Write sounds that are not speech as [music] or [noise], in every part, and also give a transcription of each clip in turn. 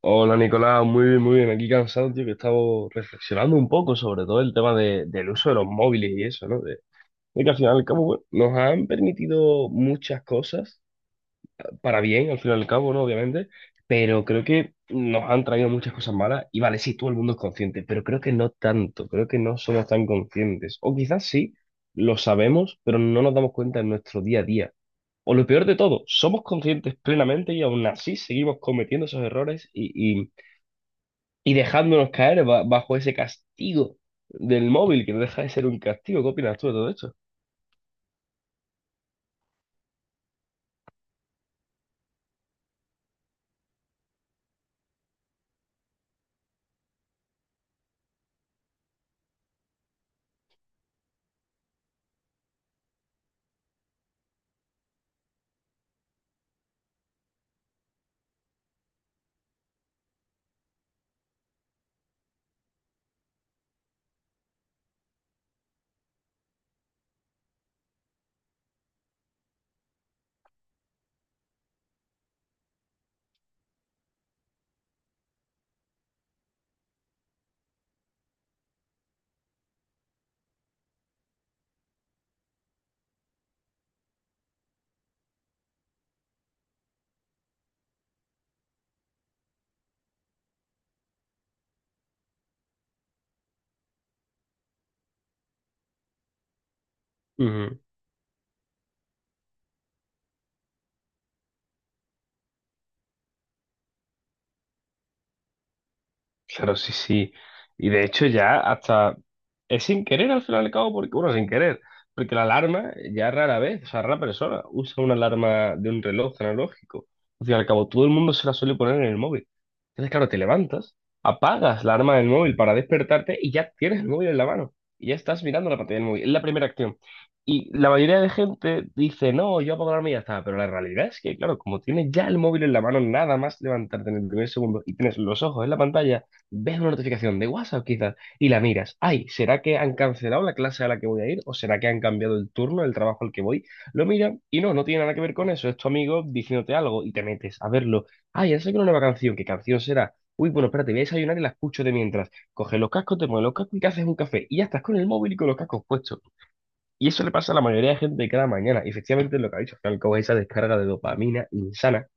Hola Nicolás, muy bien, muy bien. Aquí cansado, tío, que estaba reflexionando un poco sobre todo el tema del uso de los móviles y eso, ¿no? De que al final y al cabo, bueno, nos han permitido muchas cosas, para bien, al final y al cabo, ¿no? Obviamente, pero creo que nos han traído muchas cosas malas. Y vale, sí, todo el mundo es consciente, pero creo que no tanto, creo que no somos tan conscientes. O quizás sí, lo sabemos, pero no nos damos cuenta en nuestro día a día. O lo peor de todo, somos conscientes plenamente y aún así seguimos cometiendo esos errores y dejándonos caer bajo ese castigo del móvil, que no deja de ser un castigo. ¿Qué opinas tú de todo esto? Ujú. Claro, sí, sí. Y de hecho ya hasta Es sin querer al final y al cabo, porque, bueno, sin querer, porque la alarma ya rara vez, o sea, rara persona usa una alarma de un reloj analógico. Al fin y al cabo, todo el mundo se la suele poner en el móvil. Entonces, claro, te levantas, apagas la alarma del móvil para despertarte y ya tienes el móvil en la mano. Y ya estás mirando la pantalla del móvil. Es la primera acción. Y la mayoría de gente dice, no, yo apago la alarma y ya está. Pero la realidad es que, claro, como tienes ya el móvil en la mano, nada más levantarte en el primer segundo y tienes los ojos en la pantalla, ves una notificación de WhatsApp quizás y la miras. Ay, ¿será que han cancelado la clase a la que voy a ir? ¿O será que han cambiado el turno, el trabajo al que voy? Lo miras y no, no tiene nada que ver con eso. Es tu amigo diciéndote algo y te metes a verlo. Ay, han sacado una nueva canción. ¿Qué canción será? Uy, bueno, espérate, voy a desayunar y la escucho de mientras. Coges los cascos, te pones los cascos y te haces un café. Y ya estás con el móvil y con los cascos puestos. Y eso le pasa a la mayoría de gente cada mañana. Y efectivamente es lo que ha dicho, que al cabo es esa descarga de dopamina insana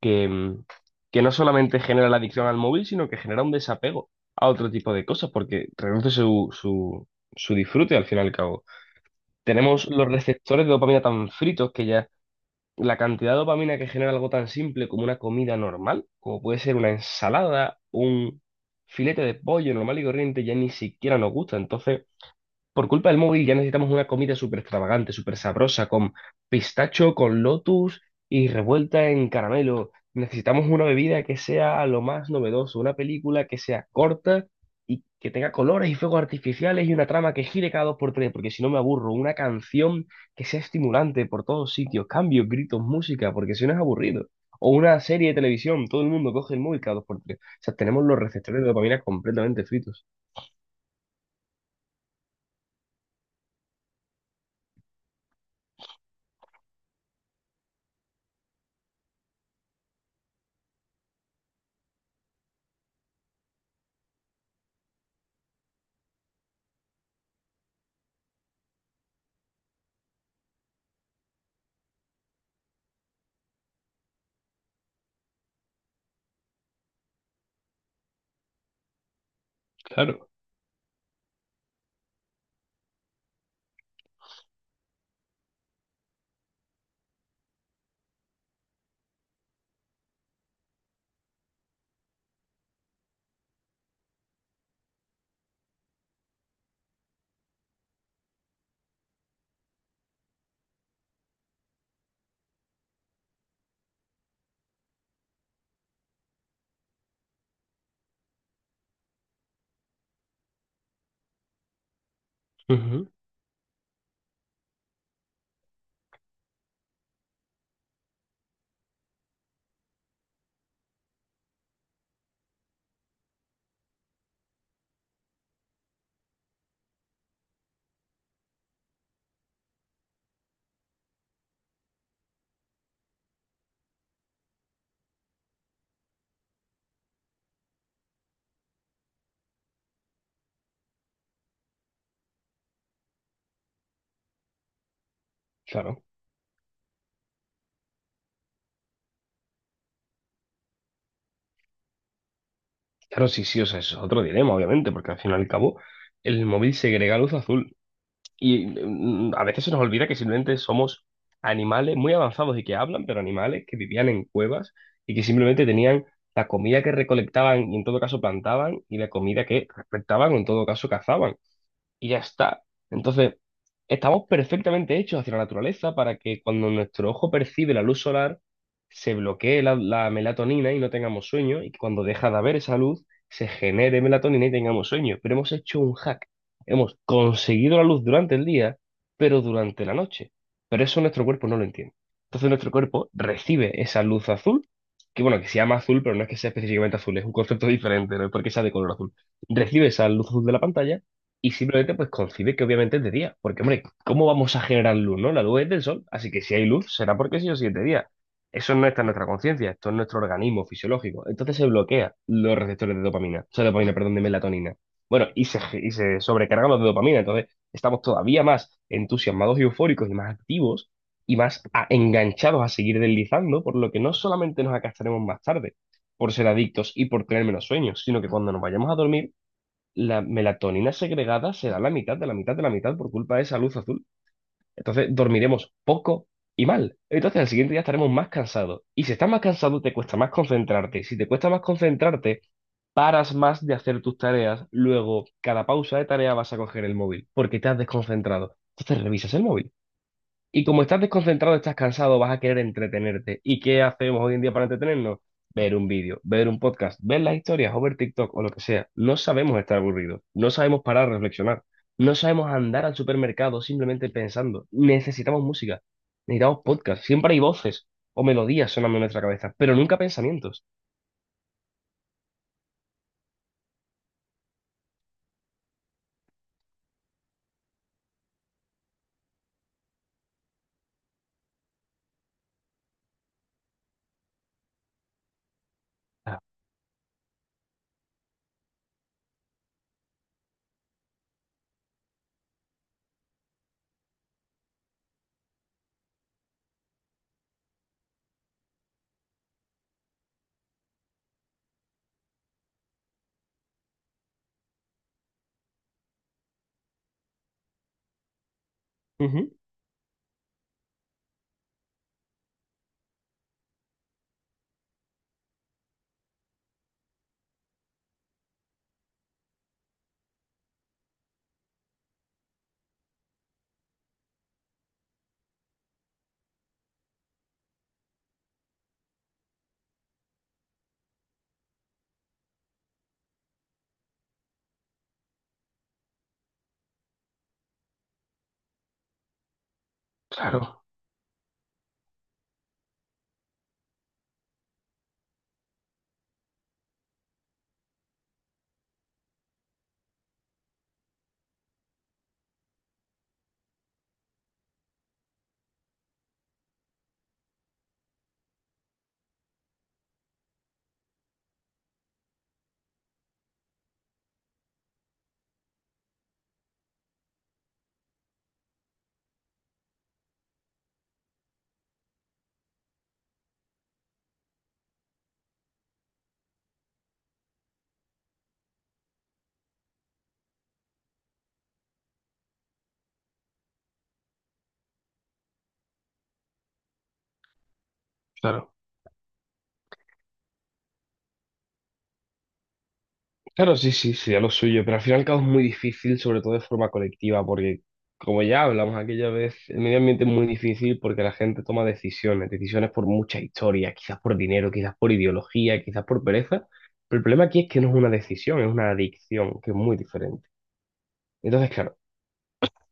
que, mm, que no solamente genera la adicción al móvil, sino que genera un desapego a otro tipo de cosas, porque reduce su disfrute al fin y al cabo. Tenemos los receptores de dopamina tan fritos que ya la cantidad de dopamina que genera algo tan simple como una comida normal, como puede ser una ensalada, un filete de pollo normal y corriente, ya ni siquiera nos gusta. Entonces, por culpa del móvil ya necesitamos una comida súper extravagante, súper sabrosa, con pistacho, con lotus y revuelta en caramelo. Necesitamos una bebida que sea lo más novedoso, una película que sea corta y que tenga colores y fuegos artificiales y una trama que gire cada dos por tres, porque si no me aburro. Una canción que sea estimulante por todos sitios, cambios, gritos, música, porque si no es aburrido. O una serie de televisión, todo el mundo coge el móvil cada dos por tres. O sea, tenemos los receptores de dopamina completamente fritos. Claro. Ujú. Claro. Claro, sí, sí, o sea, es otro dilema, obviamente, porque al fin y al cabo el móvil segrega luz azul y a veces se nos olvida que simplemente somos animales muy avanzados y que hablan, pero animales que vivían en cuevas y que simplemente tenían la comida que recolectaban y en todo caso plantaban y la comida que recolectaban o en todo caso cazaban y ya está. Entonces, estamos perfectamente hechos hacia la naturaleza para que cuando nuestro ojo percibe la luz solar, se bloquee la melatonina y no tengamos sueño, y que cuando deja de haber esa luz, se genere melatonina y tengamos sueño. Pero hemos hecho un hack. Hemos conseguido la luz durante el día, pero durante la noche. Pero eso nuestro cuerpo no lo entiende. Entonces nuestro cuerpo recibe esa luz azul, que bueno, que se llama azul, pero no es que sea específicamente azul, es un concepto [laughs] diferente, no es porque sea de color azul. Recibe esa luz azul de la pantalla y simplemente pues coincide que obviamente es de día, porque hombre, ¿cómo vamos a generar luz, no? La luz es del sol, así que si hay luz será porque sí o sí es de día. Eso no está en nuestra conciencia, esto es nuestro organismo fisiológico. Entonces se bloquea los receptores de dopamina, o sea, dopamina, perdón, de melatonina. Bueno, y se sobrecargan los de dopamina, entonces estamos todavía más entusiasmados y eufóricos y más activos y más enganchados a seguir deslizando, por lo que no solamente nos acastaremos más tarde por ser adictos y por tener menos sueños, sino que cuando nos vayamos a dormir la melatonina segregada será la mitad de la mitad de la mitad por culpa de esa luz azul. Entonces dormiremos poco y mal. Entonces al siguiente día estaremos más cansados. Y si estás más cansado, te cuesta más concentrarte. Si te cuesta más concentrarte, paras más de hacer tus tareas. Luego, cada pausa de tarea vas a coger el móvil porque te has desconcentrado. Entonces revisas el móvil. Y como estás desconcentrado, estás cansado, vas a querer entretenerte. ¿Y qué hacemos hoy en día para entretenernos? Ver un vídeo, ver un podcast, ver las historias o ver TikTok o lo que sea. No sabemos estar aburridos, no sabemos parar a reflexionar, no sabemos andar al supermercado simplemente pensando. Necesitamos música, necesitamos podcast. Siempre hay voces o melodías sonando en nuestra cabeza, pero nunca pensamientos. Ah. Ujú. Claro, claro. Claro, sí, sí, sería lo suyo, pero al final y al cabo es muy difícil, sobre todo de forma colectiva, porque como ya hablamos aquella vez, el medio ambiente es muy difícil porque la gente toma decisiones, decisiones por mucha historia, quizás por dinero, quizás por ideología, quizás por pereza, pero el problema aquí es que no es una decisión, es una adicción, que es muy diferente. Entonces, claro,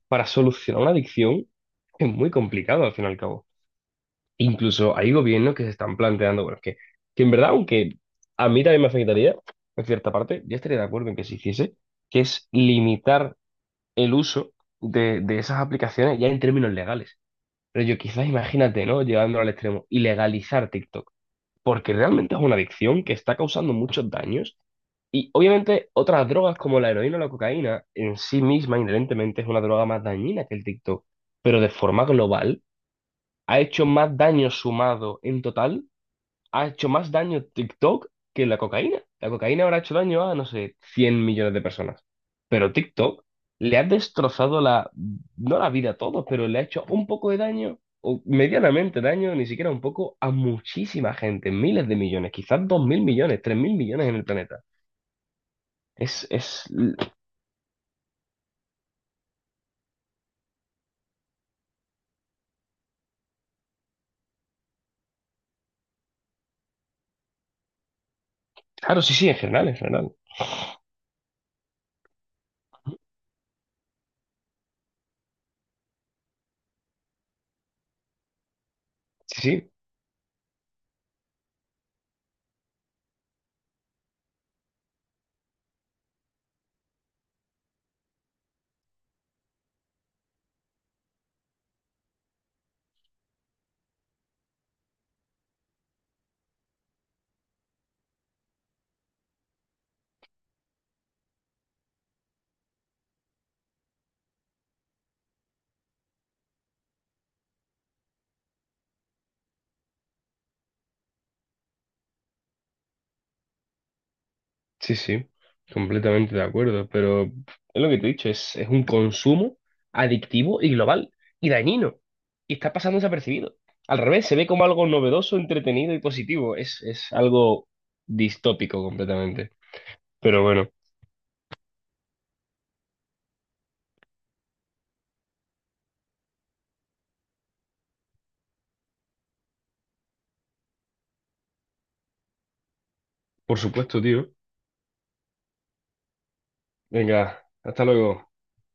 para solucionar una adicción es muy complicado al final y al cabo. Incluso hay gobiernos que se están planteando, bueno, que en verdad, aunque a mí también me afectaría, en cierta parte, yo estaría de acuerdo en que se hiciese, que es limitar el uso de esas aplicaciones ya en términos legales. Pero yo quizás imagínate, ¿no? Llevándolo al extremo, ilegalizar TikTok, porque realmente es una adicción que está causando muchos daños y obviamente otras drogas como la heroína o la cocaína en sí misma inherentemente es una droga más dañina que el TikTok, pero de forma global ha hecho más daño sumado en total ha hecho más daño TikTok que la cocaína. La cocaína habrá hecho daño a, no sé, 100 millones de personas. Pero TikTok le ha destrozado la, no la vida a todos, pero le ha hecho un poco de daño, o medianamente daño, ni siquiera un poco, a muchísima gente, miles de millones, quizás 2.000 millones, 3.000 millones en el planeta. Es, es, claro, sí, sí, en general, en general. Sí, sí. Sí, sí, completamente de acuerdo, pero es lo que te he dicho, es un consumo adictivo y global y dañino, y está pasando desapercibido. Al revés, se ve como algo novedoso, entretenido y positivo, es algo distópico completamente. Pero bueno, por supuesto, tío. Venga, hasta luego.